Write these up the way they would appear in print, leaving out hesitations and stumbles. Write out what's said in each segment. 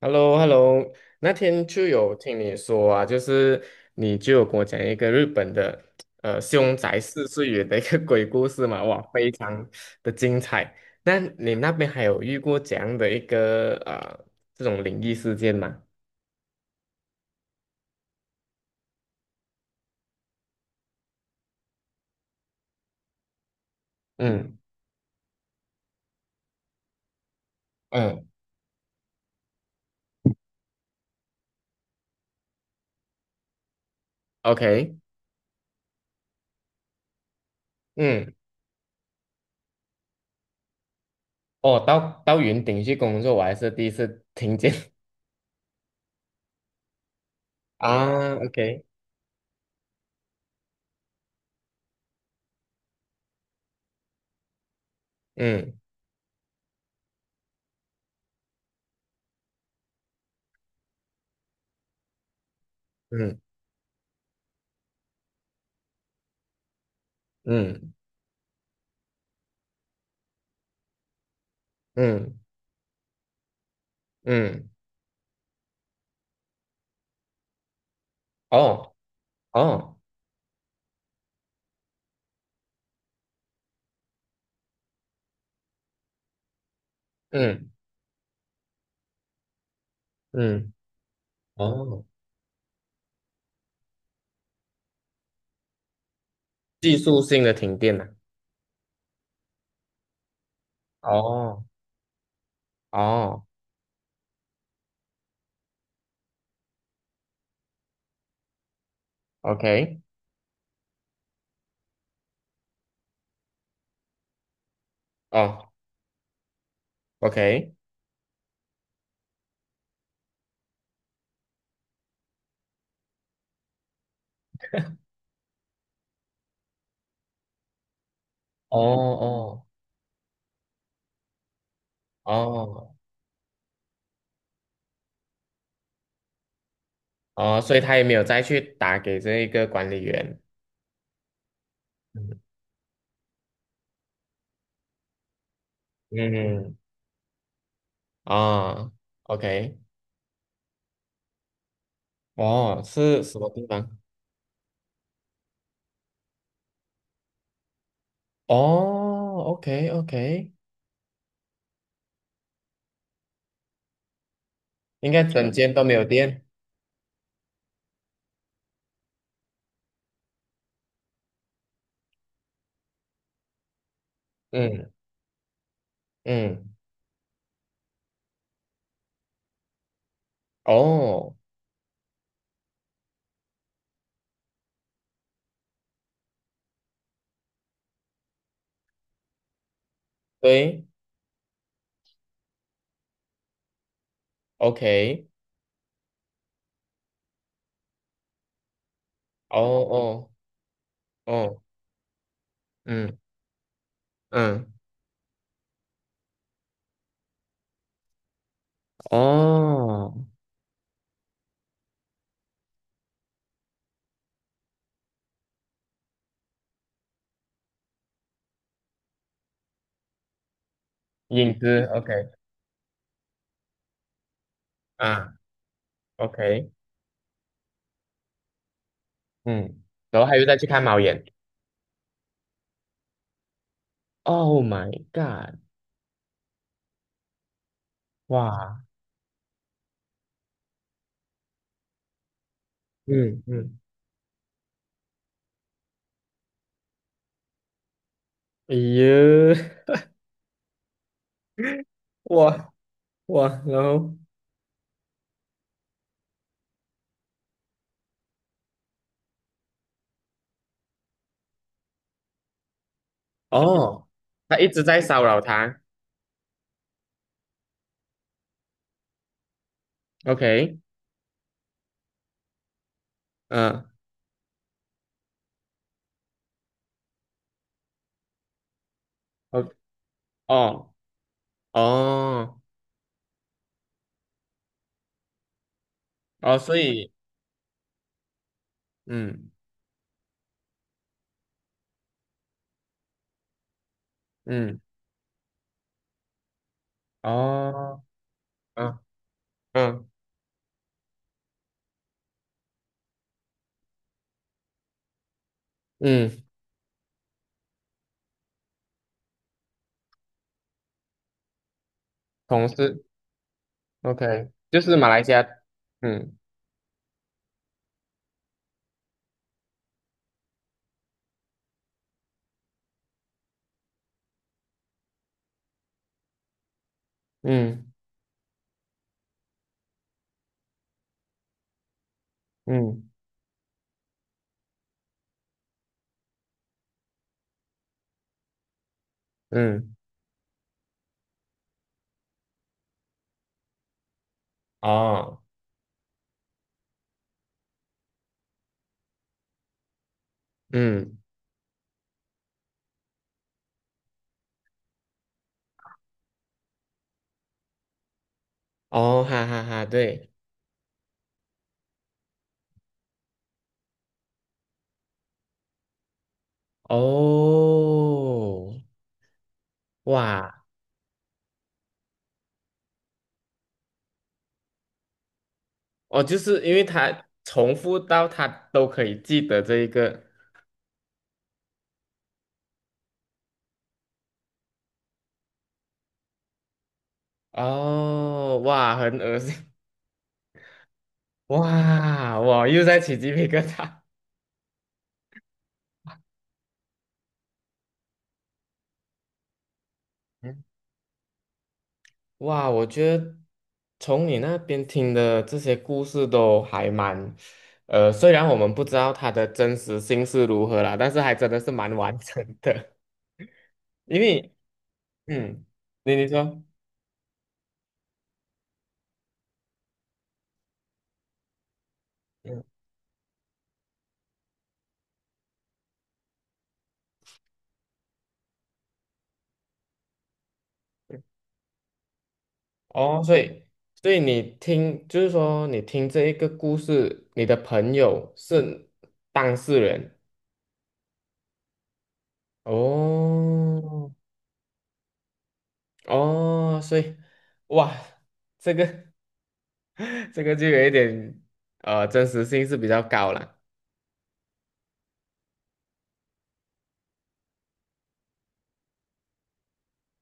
h e l l o h e l l o 那天就有听你说啊，就是你就有跟我讲一个日本的凶宅四岁元的一个 鬼故事嘛。哇，非常的精彩。那你那边还有遇过这样的一个这种灵异事件吗？嗯嗯，OK。嗯。哦，到云顶去工作，我还是第一次听见。 啊，OK。嗯嗯嗯嗯嗯。哦哦。嗯嗯。哦。技术性的停电呢、哦哦，OK。哦，OK。哦哦哦哦，所以他也没有再去打给这一个管理员。嗯嗯，啊，OK。哦，是什么地方？哦，OK OK。应该整间都没有电。嗯嗯。哦，对，OK。哦哦哦。嗯嗯。哦，影子，OK。啊，OK。嗯，然后还有再去看猫眼。Oh my god。哇。嗯嗯。哎呦。哇哇，然后哦，他一直在骚扰他。OK。嗯。哦哦哦哦，所以嗯嗯，哦，嗯嗯嗯。同事，OK，就是马来西亚。嗯嗯嗯嗯，哦，嗯，哦，哈哈哈，对。哦，哇。哦，就是因为他重复到他都可以记得这一个。哦，哇，很恶心。哇，我又在起鸡皮疙瘩。嗯。哇，我觉得从你那边听的这些故事都还蛮，虽然我们不知道它的真实性是如何啦，但是还真的是蛮完整的。因为，嗯，你你说。哦，所以你听，就是说你听这一个故事，你的朋友是当事人。哦哦，所以哇，这个 这个就有一点真实性是比较高了。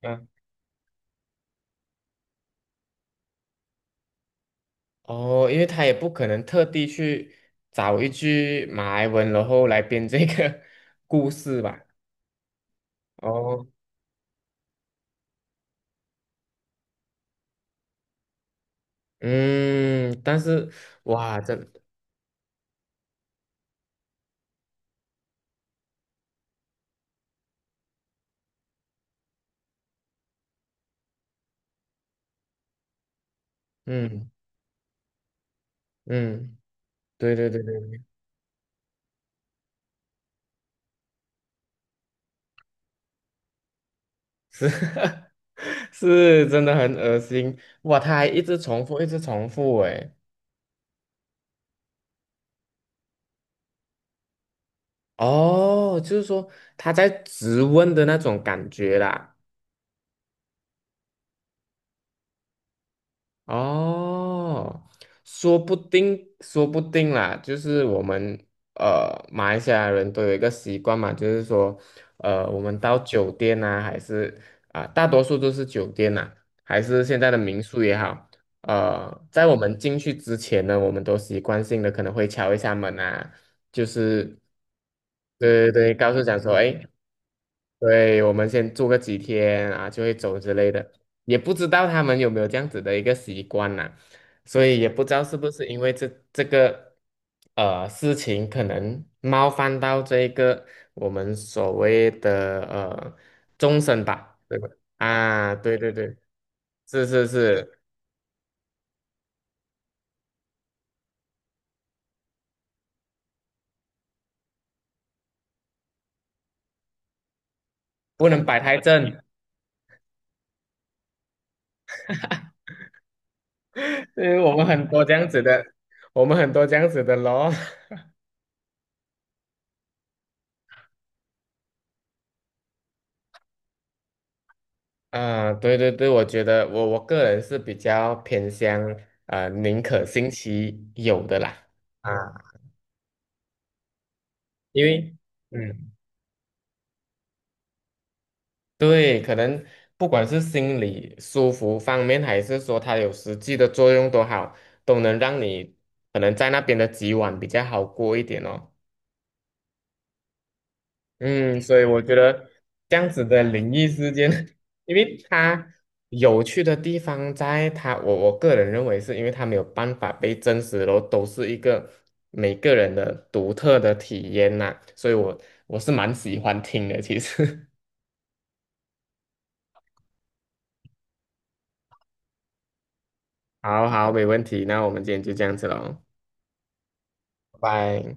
嗯。哦，因为他也不可能特地去找一句马来文，然后来编这个 故事吧？哦，嗯，但是哇，这，嗯嗯，对对对。是， 是，真的很恶心。哇！他还一直重复，一直重复，哎。哦，就是说他在质问的那种感觉啦。哦，说不定，说不定啦，就是我们马来西亚人都有一个习惯嘛。就是说，我们到酒店呐、还是啊、大多数都是酒店呐、还是现在的民宿也好，在我们进去之前呢，我们都习惯性的可能会敲一下门啊。就是对对对，告诉讲说，哎，对，我们先住个几天啊，就会走之类的。也不知道他们有没有这样子的一个习惯呐、所以也不知道是不是因为这个事情可能冒犯到这个我们所谓的终身吧，对吧？啊，对对对，是是是。不能摆太正。因为我们很多这样子的，我们很多这样子的咯。啊，对对对，我觉得我个人是比较偏向宁可信其有的啦。啊，因为嗯，对，可能不管是心理舒服方面，还是说它有实际的作用都好，都能让你可能在那边的几晚比较好过一点哦。嗯，所以我觉得这样子的灵异事件，因为它有趣的地方在它，我个人认为是因为它没有办法被证实，然后都是一个每个人的独特的体验呐、所以我是蛮喜欢听的，其实。好好，没问题，那我们今天就这样子喽。拜拜。